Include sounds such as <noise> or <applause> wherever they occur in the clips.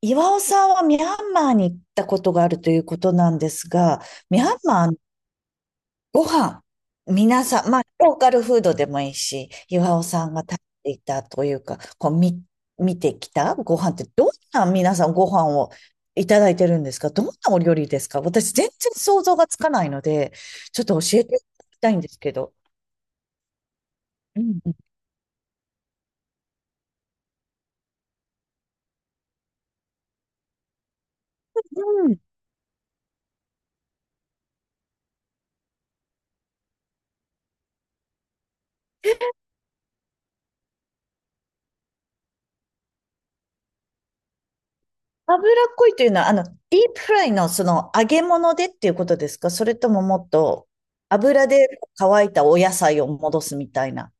岩尾さんはミャンマーに行ったことがあるということなんですが、ミャンマーのご飯、皆さん、まあ、ローカルフードでもいいし、岩尾さんが食べていたというか、こう、見てきたご飯って、どんな皆さんご飯をいただいてるんですか？どんなお料理ですか？私、全然想像がつかないので、ちょっと教えていただきたいんですけど。うん。脂っこいというのは、ディープフライのその揚げ物でっていうことですか？それとももっと油で乾いたお野菜を戻すみたいな。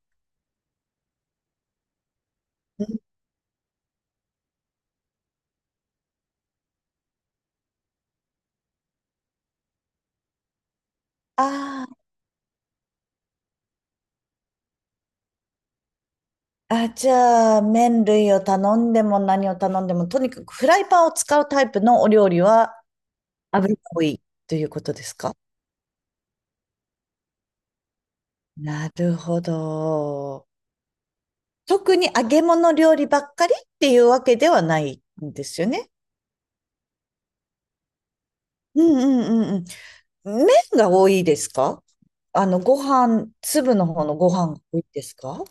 ああー、あ、じゃあ、麺類を頼んでも何を頼んでも、とにかくフライパンを使うタイプのお料理は油っこいということですか？なるほど。特に揚げ物料理ばっかりっていうわけではないんですよね。うんうんうんうん。麺が多いですか？ご飯、粒の方のご飯が多いですか？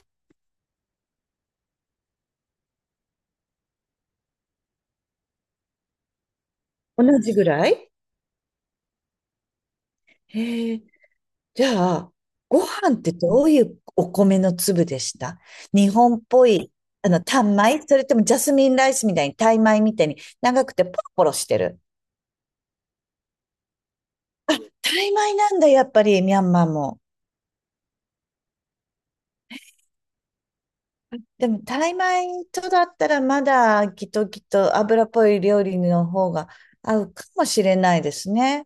同じぐらい？へえ。じゃあ、ご飯ってどういうお米の粒でした？日本っぽい、タン米それともジャスミンライスみたいに、タイ米みたいに長くてポロポロしてる。タイ米なんだ、やっぱり、ミャンマーも。でも、タイ米とだったらまだ、きっときっと油っぽい料理の方が合うかもしれないですね。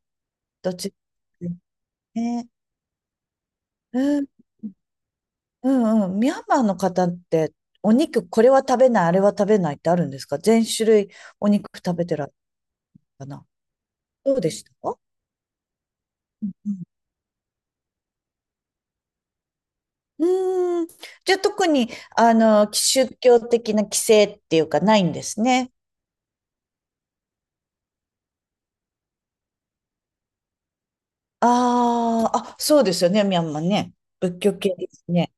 どっちね。うん、うんうん。ミャンマーの方って、お肉、これは食べない、あれは食べないってあるんですか？全種類お肉食べてらっしゃるかな？どうでした？うん。うーん。じゃあ特に、宗教的な規制っていうかないんですね。ああ、あ、そうですよね、ミャンマーね。仏教系ですね。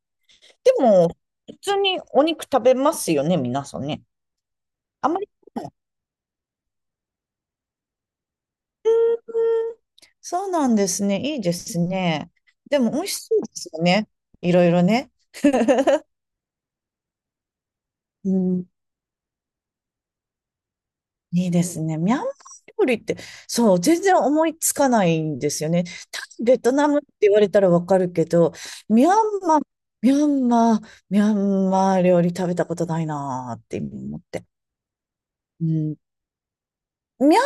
でも、普通にお肉食べますよね、皆さんね。あまり。そうなんですね。いいですね。でも美味しそうですよね。いろいろね。うん。いいですね。ミャンマー料理って、そう、全然思いつかないんですよね。タイベトナムって言われたらわかるけど、ミャンマー、ミャンマー、ミャンマー料理食べたことないなーって今思って。うん、ミャ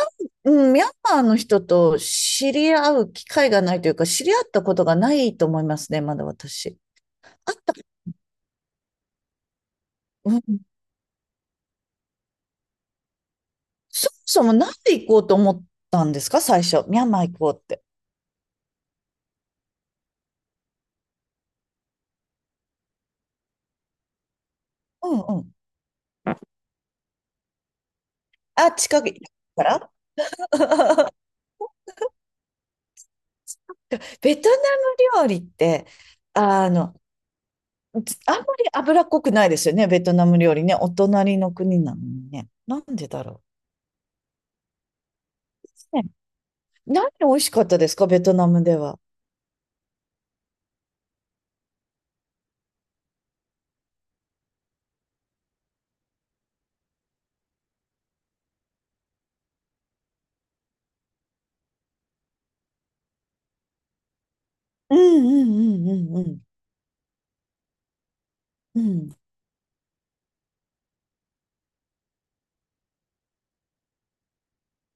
ン、うんミャンマーの人と知り合う機会がないというか、知り合ったことがないと思いますね、まだ私。うんそもそもなんで行こうと思ったんですか？最初。ミャンマー行こうって。うんうん。あ、近くから。 <laughs> ベトナム料理って、あの、あんまり脂っこくないですよね。ベトナム料理ね。お隣の国なのにね。なんでだろう。ね、何美味しかったですか？ベトナムでは。うんうんうんうんうんうん。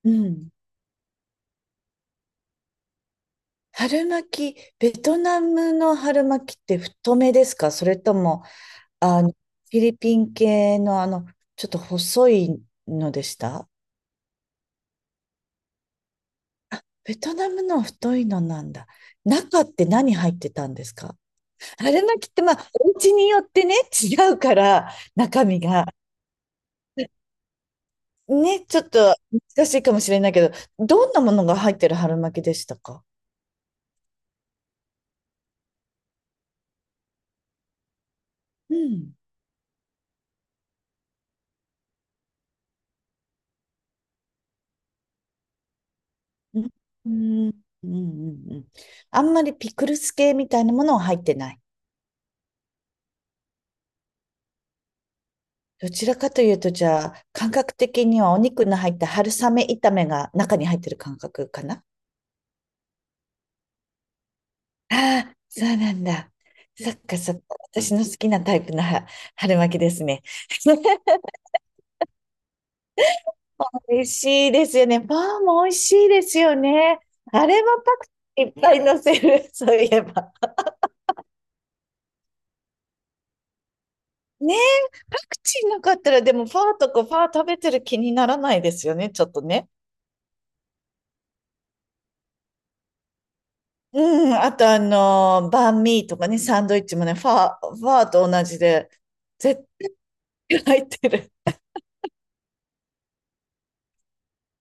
うん。春巻き、ベトナムの春巻きって太めですか？それともフィリピン系のちょっと細いのでした？ベトナムの太いのなんだ。中って何入ってたんですか？春巻きってまあ、お家によってね、違うから、中身が。ね、ちょっと難しいかもしれないけど、どんなものが入ってる春巻きでしたか？うん。うん。うん。うん。うん。うんあんまりピクルス系みたいなものは入ってない。どちらかというと、じゃあ、感覚的にはお肉の入った春雨炒めが中に入ってる感覚かな？ああ、そうなんだ。そっかそっか。私の好きなタイプのは春巻きですね。<laughs> 美味しいですよね。パンも美味しいですよね。あれもパクチーいっぱい乗せる、そういえば。ねえ、パクチーなかったら、でもパーとかパー食べてる気にならないですよね、ちょっとね。うん、あとバンミーとかね、サンドイッチもね、ファーと同じで、絶対入ってる。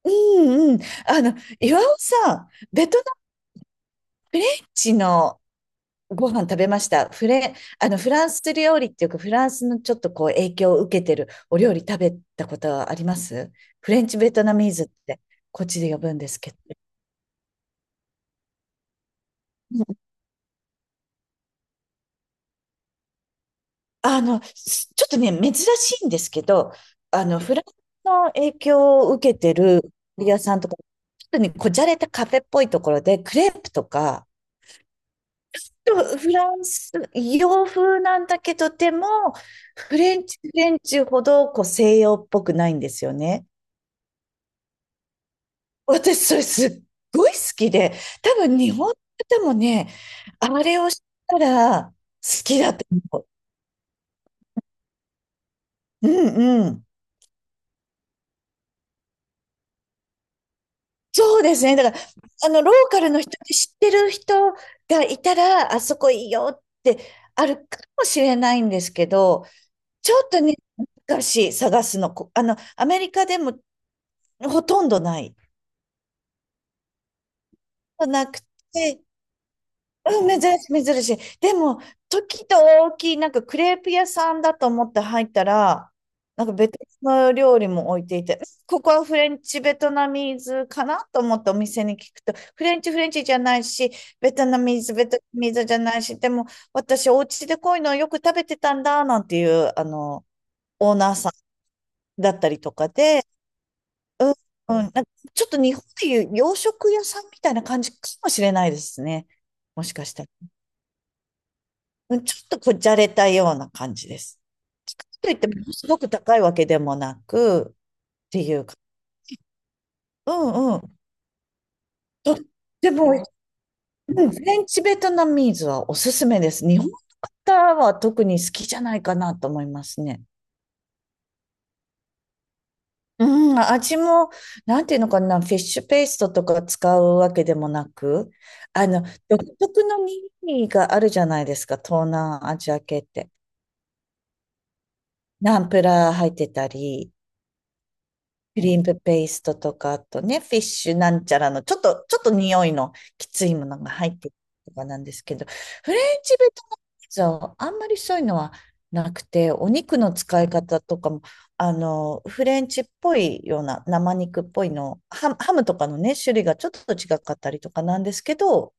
うんうん。あの、岩尾さん、ベトナム人のご飯食べました。フレ、あの、フランス料理っていうか、フランスのちょっとこう影響を受けてるお料理食べたことはあります？フレンチベトナミーズって、こっちで呼ぶんですけど。ちょっとね、珍しいんですけど、フランスの影響を受けてる料理屋さんとか、ちょっとね、こじゃれたカフェっぽいところで、クレープとか、ちょっとフランス、洋風なんだけど、でも、フレンチほど、こう、西洋っぽくないんですよね。私、それすっごい好きで、多分日本の方もね、あれをしたら好きだと思う。うんうん。そうですね。だから、ローカルの人で知ってる人がいたら、あそこいいよってあるかもしれないんですけど、ちょっとね、難しい、探すの。こあの、アメリカでもほとんどない。なくて、うん、珍しい、珍しい。でも、時と大きい、なんかクレープ屋さんだと思って入ったら、なんか別の料理も置いていて、ここはフレンチ、ベトナミーズかなと思ってお店に聞くと、フレンチ、フレンチじゃないし、ベトナミーズ、ベトナミーズじゃないし、でも私、お家でこういうのをよく食べてたんだ、なんていう、オーナーさんだったりとかで、うん、うん、なんかちょっと日本でいう洋食屋さんみたいな感じかもしれないですね。もしかしたら。うんちょっとこじゃれたような感じです。といってもすごく高いわけでもなくっていうか、うんうん。とっても、うんフレンチベトナミーズはおすすめです。日本の方は特に好きじゃないかなと思いますね。うん、味も、なんていうのかな、フィッシュペーストとか使うわけでもなく、あの、独特のミニがあるじゃないですか、東南アジア系って。ナンプラー入ってたり、クリームペーストとか、あとね、フィッシュなんちゃらの、ちょっと匂いのきついものが入ってるとかなんですけど、フレンチベトナムピザはあんまりそういうのはなくて、お肉の使い方とかも、フレンチっぽいような、生肉っぽいの、ハムとかのね、種類がちょっと違かったりとかなんですけど、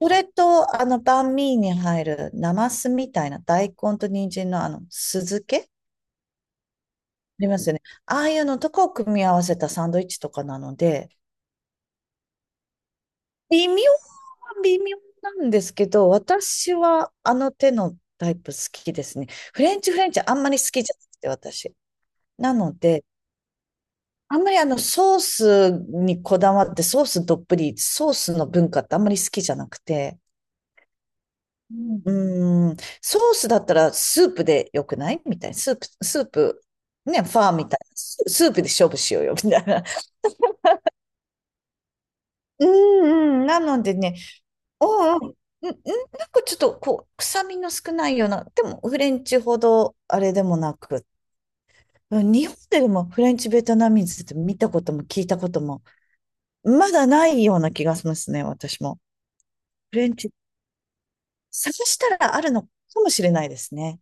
それと、バンミーに入る、ナマスみたいな大根と人参の酢漬けありますよね。ああいうのとかを組み合わせたサンドイッチとかなので、微妙は微妙なんですけど、私はあの手のタイプ好きですね。フレンチフレンチあんまり好きじゃなくて、私。なので、あんまりあのソースにこだわって、ソースどっぷり、ソースの文化ってあんまり好きじゃなくて、うーん、ソースだったらスープでよくないみたいな。スープ、スープ、ね、ファーみたいな。スープで勝負しようよ、みたいな。<laughs> うんうん。なのでね、ああ、なんかちょっとこう、臭みの少ないような、でもフレンチほどあれでもなく、うん日本でもフレンチベトナミーズって見たことも聞いたことも、まだないような気がしますね、私も。フレンチ、探したらあるのかもしれないですね。